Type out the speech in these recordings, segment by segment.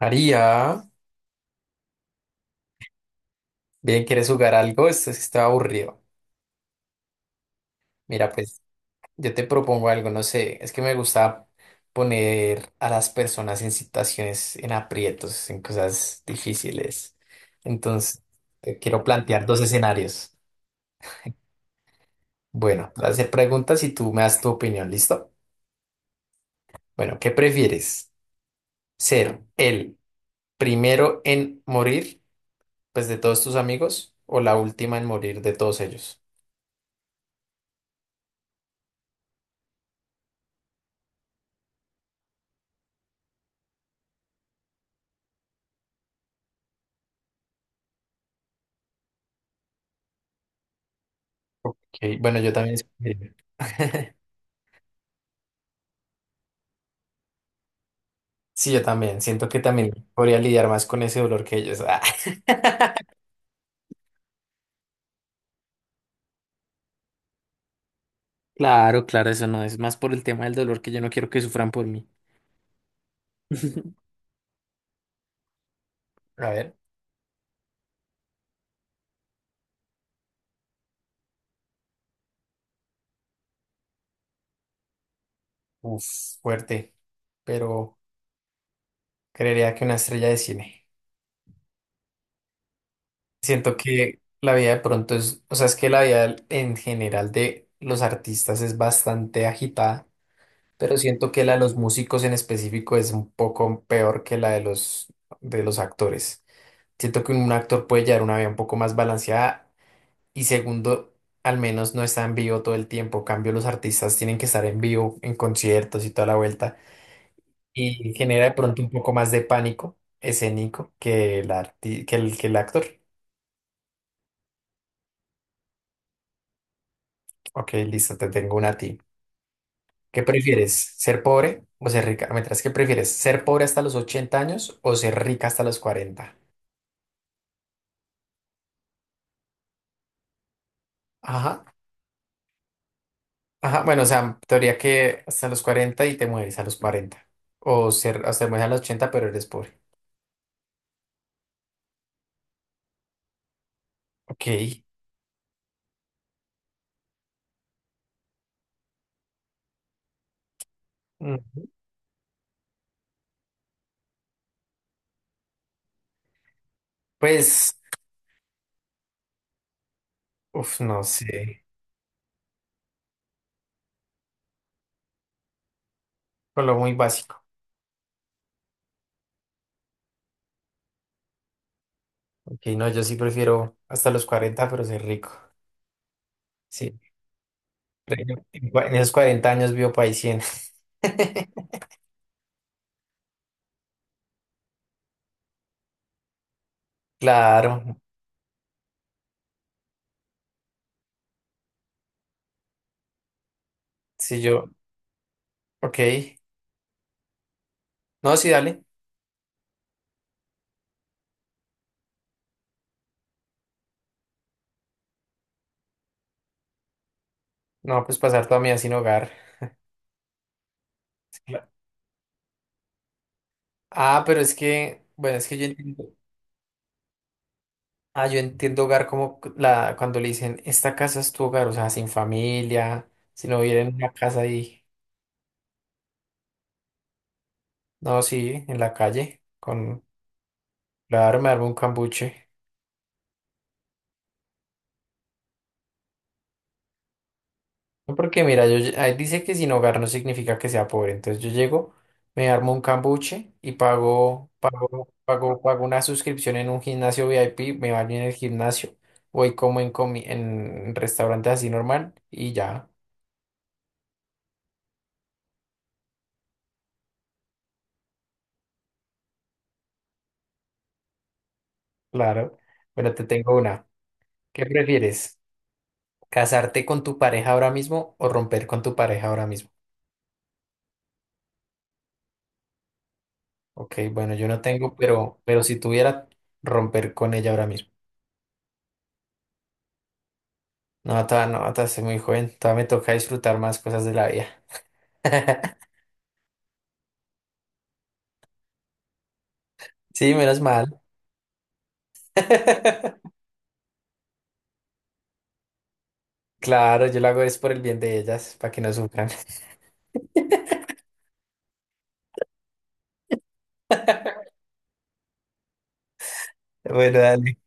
María, bien, ¿quieres jugar algo? Esto es que está aburrido. Mira, pues yo te propongo algo, no sé, es que me gusta poner a las personas en situaciones, en aprietos, en cosas difíciles. Entonces, te quiero plantear dos escenarios. Bueno, te voy a hacer preguntas y tú me das tu opinión, ¿listo? Bueno, ¿qué prefieres? ¿Ser el primero en morir, pues de todos tus amigos, o la última en morir de todos ellos? Ok, bueno, yo también escogería. Sí, yo también. Siento que también podría lidiar más con ese dolor que ellos. Ah. Claro, claro, eso no es más por el tema del dolor que yo no quiero que sufran por mí. A ver, uf, fuerte, pero creería que una estrella de cine. Siento que la vida de pronto es, o sea, es que la vida en general de los artistas es bastante agitada, pero siento que la de los músicos en específico es un poco peor que la de los actores. Siento que un actor puede llevar una vida un poco más balanceada. Y segundo, al menos no está en vivo todo el tiempo. En cambio, los artistas tienen que estar en vivo, en conciertos y toda la vuelta. Y genera de pronto un poco más de pánico escénico que el, arti- que el actor. Ok, listo, te tengo una a ti. ¿Qué prefieres? ¿Ser pobre o ser rica? Mientras, ¿qué prefieres? ¿Ser pobre hasta los 80 años o ser rica hasta los cuarenta? Ajá. Ajá, bueno, o sea, teoría que hasta los 40 y te mueres a los cuarenta. O ser, hasta te mueres a los ochenta pero eres pobre. Ok. Mm. Pues. No sé. Con lo muy básico. Ok, no, yo sí prefiero hasta los 40, pero ser rico. Sí. Pero en esos 40 años vivo para 100. Claro. Sí, yo. Ok. No, sí, dale. No, pues pasar toda mi vida sin hogar. Cla- Ah, pero es que. Bueno, es que yo entiendo. Ah, yo entiendo hogar como cuando le dicen, esta casa es tu hogar, o sea, sin familia, si no viviera en una casa ahí. No, sí, en la calle, con. Claro, me armo un cambuche. No, porque mira, yo, ahí dice que sin hogar no significa que sea pobre. Entonces yo llego, me armo un cambuche y pago una suscripción en un gimnasio VIP, me baño en el gimnasio, voy como en restaurantes así normal y ya, claro. Bueno, te tengo una. ¿Qué prefieres? ¿Casarte con tu pareja ahora mismo o romper con tu pareja ahora mismo? Ok, bueno, yo no tengo, pero si tuviera, romper con ella ahora mismo. No, ta, no, ta, soy muy joven, todavía me toca disfrutar más cosas de la vida. Sí, menos mal. Claro, yo lo hago es por el bien de ellas, para que no sufran. Bueno, dale.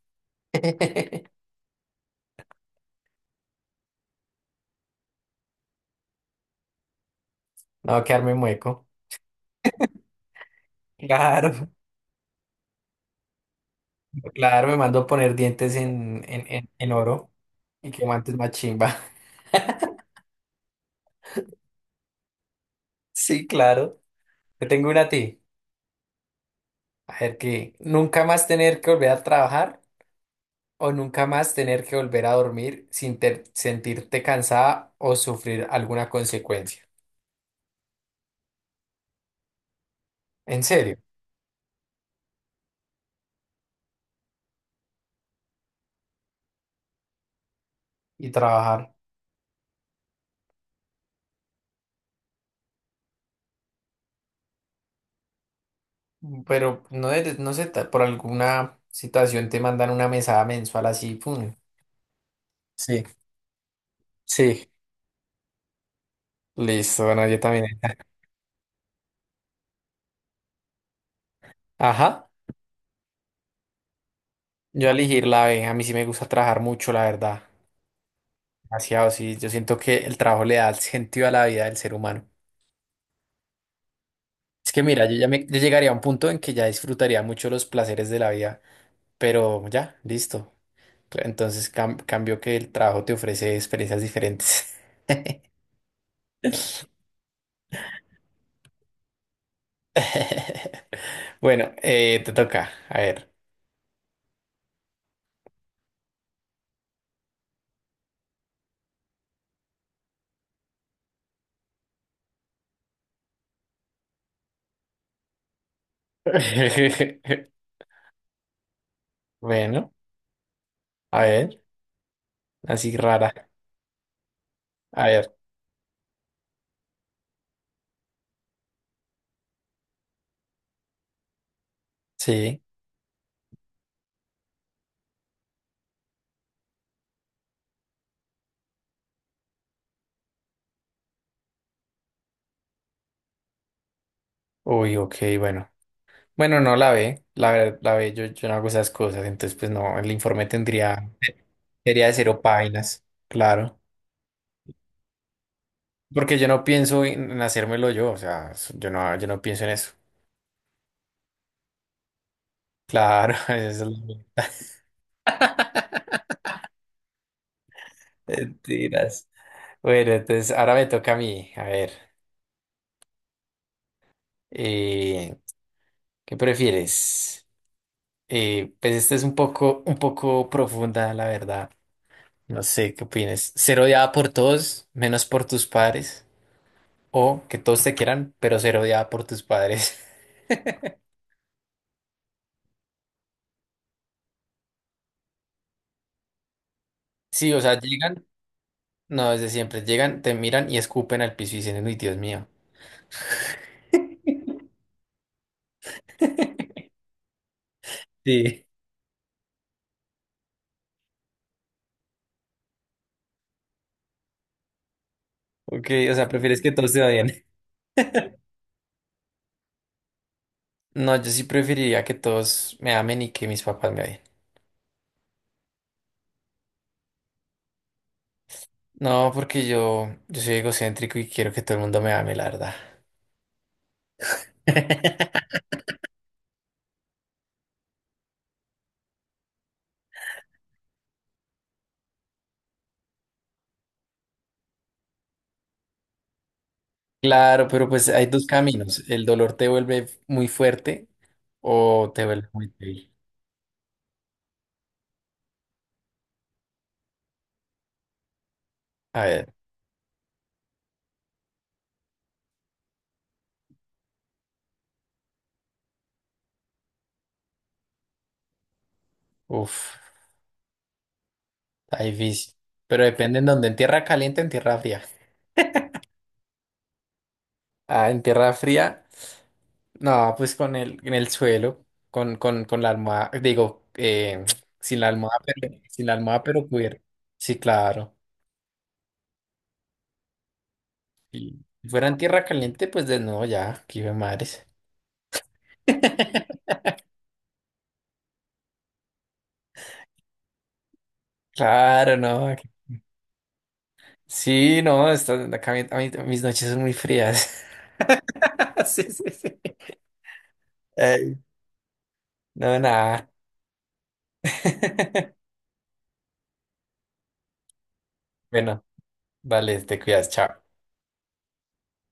No va a quedarme mueco. Claro, claro, me mando a poner dientes en oro y que guantes más chimba. Sí, claro. Te tengo una a ti. A ver, que nunca más tener que volver a trabajar o nunca más tener que volver a dormir sin sentirte cansada o sufrir alguna consecuencia. ¿En serio? Y trabajar. Pero no, no sé, por alguna situación te mandan una mesada mensual así, pum. Sí, sí. Listo, bueno, yo también. Ajá, yo a elegir la B, a mí sí me gusta trabajar mucho, la verdad. Demasiado, sí, yo siento que el trabajo le da el sentido a la vida del ser humano. Es que mira, yo llegaría a un punto en que ya disfrutaría mucho los placeres de la vida, pero ya, listo. Entonces cambio que el trabajo te ofrece experiencias diferentes. Bueno, te toca, a ver. Bueno, a ver, así rara. A ver, sí. Uy, ok, bueno. Bueno, no la ve, la, ver- la ve, yo no hago esas cosas, entonces pues no, el informe tendría, sería de cero páginas, claro. Porque yo no pienso en hacérmelo yo, o sea, yo no, yo no pienso en eso. Claro, esa es la- Mentiras. Bueno, entonces ahora me toca a mí, a ver, eh, ¿qué prefieres? Pues esta es un poco profunda, la verdad. No sé qué opinas. Ser odiada por todos, menos por tus padres. O que todos te quieran, pero ser odiada por tus padres. Sí, o sea, llegan, no, desde siempre, llegan, te miran y escupen al piso y dicen, uy, Dios mío. Sí. Ok, o sea, prefieres que todos te odien. No, yo sí preferiría que todos me amen y que mis papás me odien. No, porque yo soy egocéntrico y quiero que todo el mundo me ame, la verdad. Claro, pero pues hay dos caminos. El dolor te vuelve muy fuerte o te vuelve muy débil. A ver, uff, está difícil. Pero depende en dónde, en tierra caliente, o en tierra fría. Ah, en tierra fría, no, pues con el, en el suelo, con la almohada, digo, sin la almohada, pero, sin la almohada, pero cubierto. Sí, claro. Y si fuera en tierra caliente, pues de nuevo ya, aquí ve mares. Claro, no. Sí, no, está, acá mi- a mí- mis noches son muy frías. Sí, sí, sí. Ay, no, nada. Bueno, vale, te cuidas, chao.